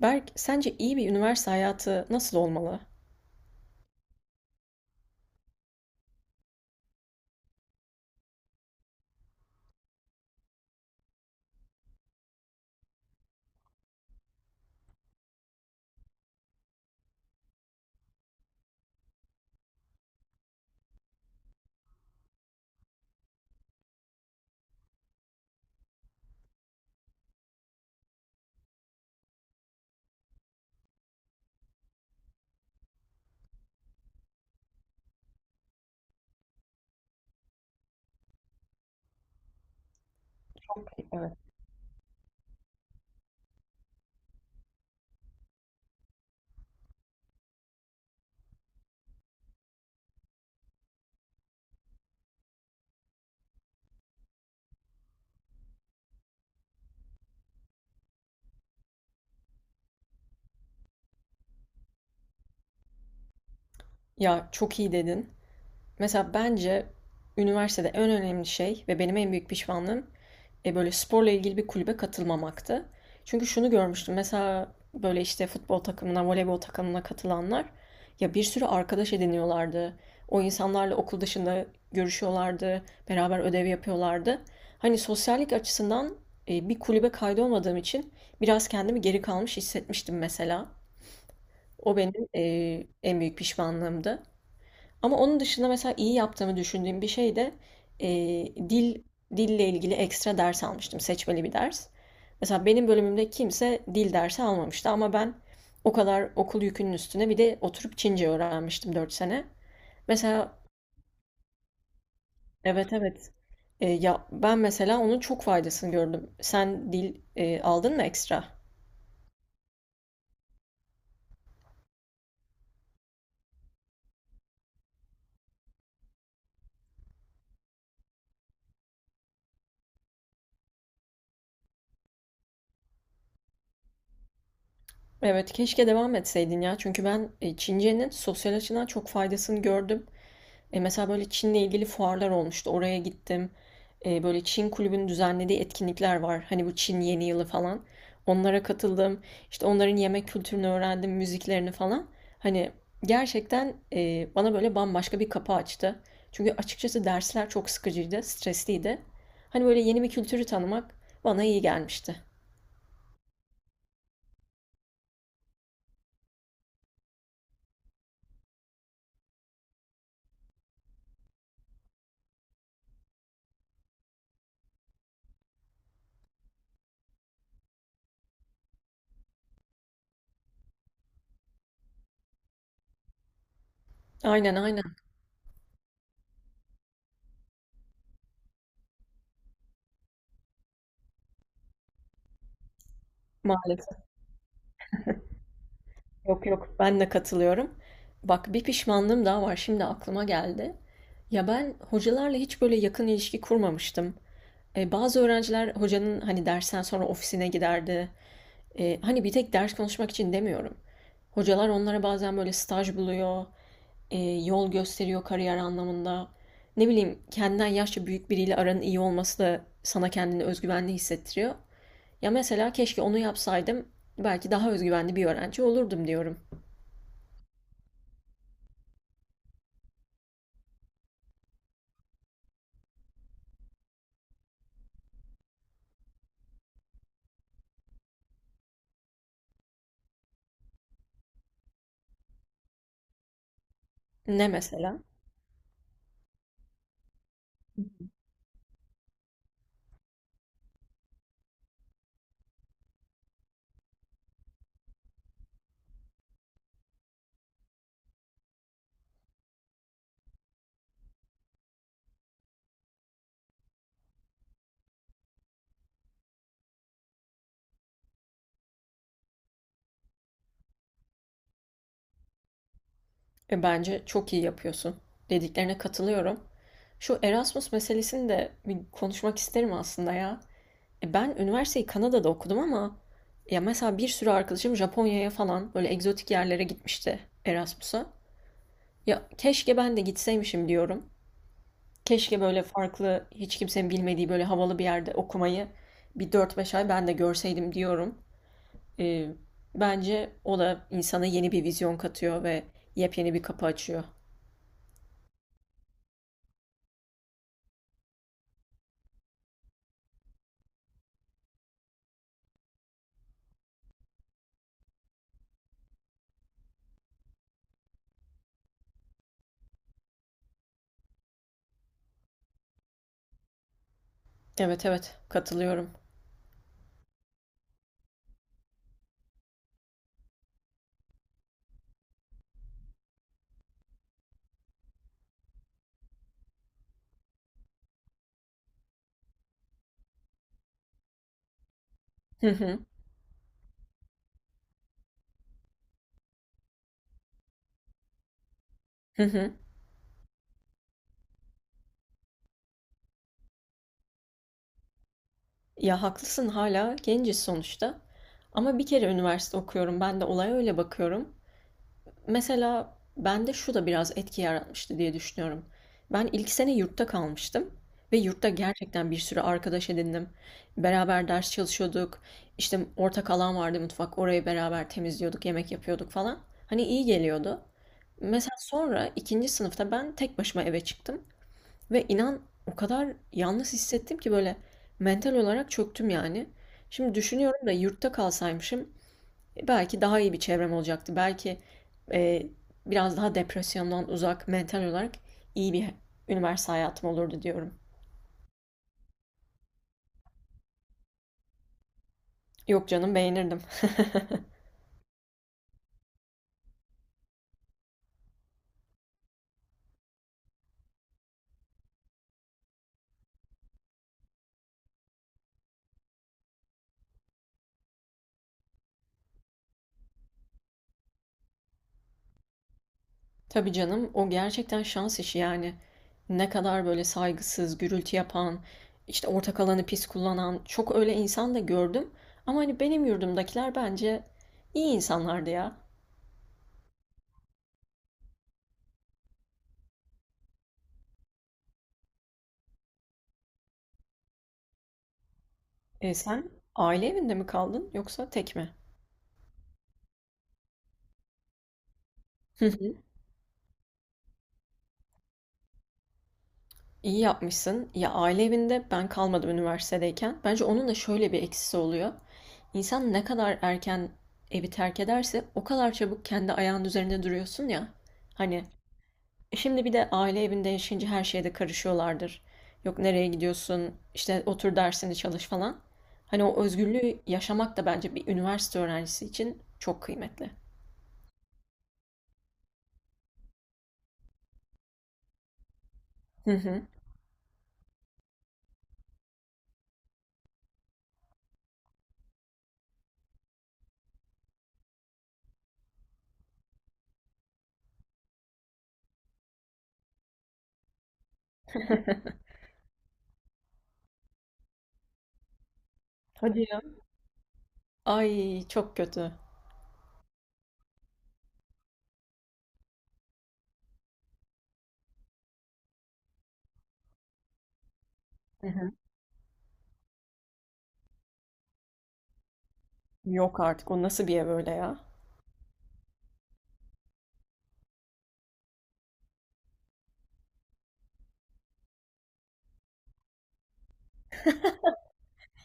Berk, sence iyi bir üniversite hayatı nasıl olmalı? Çok iyi, evet. Ya çok iyi dedin. Mesela bence üniversitede en önemli şey ve benim en büyük pişmanlığım böyle sporla ilgili bir kulübe katılmamaktı. Çünkü şunu görmüştüm. Mesela böyle işte futbol takımına, voleybol takımına katılanlar ya bir sürü arkadaş ediniyorlardı. O insanlarla okul dışında görüşüyorlardı, beraber ödev yapıyorlardı. Hani sosyallik açısından bir kulübe kaydolmadığım için biraz kendimi geri kalmış hissetmiştim mesela. O benim en büyük pişmanlığımdı. Ama onun dışında mesela iyi yaptığımı düşündüğüm bir şey de e, dil dille ilgili ekstra ders almıştım. Seçmeli bir ders. Mesela benim bölümümde kimse dil dersi almamıştı ama ben o kadar okul yükünün üstüne bir de oturup Çince öğrenmiştim 4 sene. Mesela evet evet. Ya ben mesela onun çok faydasını gördüm. Sen dil aldın mı ekstra? Evet keşke devam etseydin ya. Çünkü ben Çince'nin sosyal açıdan çok faydasını gördüm. Mesela böyle Çin'le ilgili fuarlar olmuştu. Oraya gittim. Böyle Çin kulübünün düzenlediği etkinlikler var. Hani bu Çin Yeni Yılı falan. Onlara katıldım. İşte onların yemek kültürünü öğrendim, müziklerini falan. Hani gerçekten bana böyle bambaşka bir kapı açtı. Çünkü açıkçası dersler çok sıkıcıydı, stresliydi. Hani böyle yeni bir kültürü tanımak bana iyi gelmişti. Aynen aynen. Maalesef. Yok yok, ben de katılıyorum. Bak bir pişmanlığım daha var şimdi aklıma geldi. Ya ben hocalarla hiç böyle yakın ilişki kurmamıştım. Bazı öğrenciler hocanın hani dersten sonra ofisine giderdi. Hani bir tek ders konuşmak için demiyorum. Hocalar onlara bazen böyle staj buluyor, yol gösteriyor kariyer anlamında. Ne bileyim kendinden yaşça büyük biriyle aranın iyi olması da sana kendini özgüvenli hissettiriyor. Ya mesela keşke onu yapsaydım belki daha özgüvenli bir öğrenci olurdum diyorum. Ne mesela? Bence çok iyi yapıyorsun. Dediklerine katılıyorum. Şu Erasmus meselesini de bir konuşmak isterim aslında ya. Ben üniversiteyi Kanada'da okudum ama ya mesela bir sürü arkadaşım Japonya'ya falan böyle egzotik yerlere gitmişti Erasmus'a. Ya keşke ben de gitseymişim diyorum. Keşke böyle farklı, hiç kimsenin bilmediği böyle havalı bir yerde okumayı bir dört beş ay ben de görseydim diyorum. E, bence o da insana yeni bir vizyon katıyor ve yepyeni bir kapı açıyor. Evet evet, katılıyorum. Hı hı. Hı hı. Ya haklısın hala genciz sonuçta ama bir kere üniversite okuyorum. Ben de olaya öyle bakıyorum. Mesela bende şu da biraz etki yaratmıştı diye düşünüyorum. Ben ilk sene yurtta kalmıştım ve yurtta gerçekten bir sürü arkadaş edindim. Beraber ders çalışıyorduk. İşte ortak alan vardı mutfak. Orayı beraber temizliyorduk, yemek yapıyorduk falan. Hani iyi geliyordu. Mesela sonra ikinci sınıfta ben tek başıma eve çıktım. Ve inan o kadar yalnız hissettim ki böyle mental olarak çöktüm yani. Şimdi düşünüyorum da yurtta kalsaymışım belki daha iyi bir çevrem olacaktı. Belki e, biraz daha depresyondan uzak mental olarak iyi bir üniversite hayatım olurdu diyorum. Yok canım beğenirdim. Tabii canım, o gerçekten şans işi yani. Ne kadar böyle saygısız, gürültü yapan, işte ortak alanı pis kullanan çok öyle insan da gördüm. Ama hani benim yurdumdakiler bence iyi insanlardı ya. E sen aile evinde mi kaldın yoksa tek mi? Hı hı. İyi yapmışsın. Ya aile evinde ben kalmadım üniversitedeyken. Bence onun da şöyle bir eksisi oluyor. İnsan ne kadar erken evi terk ederse o kadar çabuk kendi ayağının üzerinde duruyorsun ya. Hani şimdi bir de aile evinde yaşayınca her şeyde karışıyorlardır. Yok nereye gidiyorsun, işte otur dersini çalış falan. Hani o özgürlüğü yaşamak da bence bir üniversite öğrencisi için çok kıymetli. Hı hı. Hadi ya. Ay çok kötü. Hı hı. Yok artık, o nasıl bir ev öyle ya?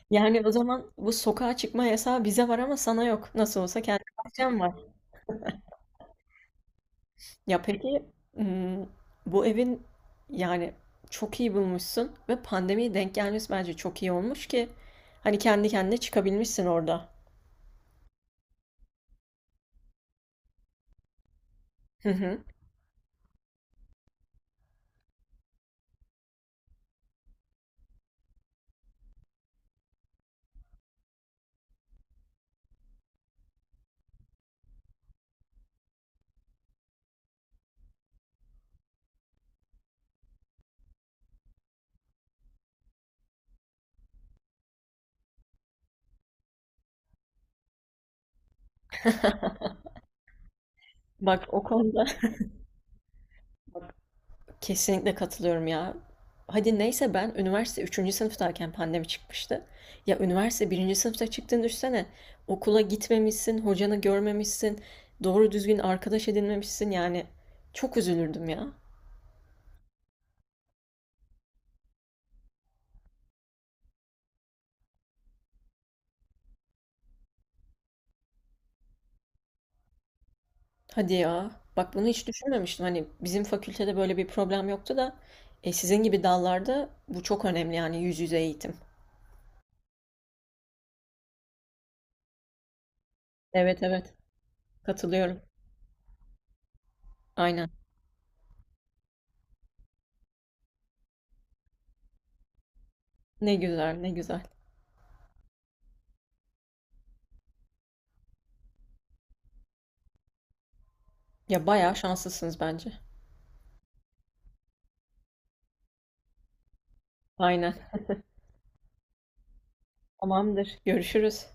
Yani o zaman bu sokağa çıkma yasağı bize var ama sana yok. Nasıl olsa kendi bahçen var. Ya peki hmm, bu evin yani çok iyi bulmuşsun ve pandemiye denk gelmesi bence çok iyi olmuş ki hani kendi kendine çıkabilmişsin orada. Hı hı. Bak o konuda kesinlikle katılıyorum ya. Hadi neyse ben üniversite üçüncü sınıftayken pandemi çıkmıştı. Ya üniversite birinci sınıfta çıktığını düşünsene. Okula gitmemişsin, hocanı görmemişsin, doğru düzgün arkadaş edinmemişsin yani. Çok üzülürdüm ya. Hadi ya. Bak bunu hiç düşünmemiştim. Hani bizim fakültede böyle bir problem yoktu da sizin gibi dallarda bu çok önemli yani yüz yüze eğitim. Evet evet. Katılıyorum. Aynen. Ne güzel ne güzel. Ya bayağı şanslısınız bence. Aynen. Tamamdır. Görüşürüz.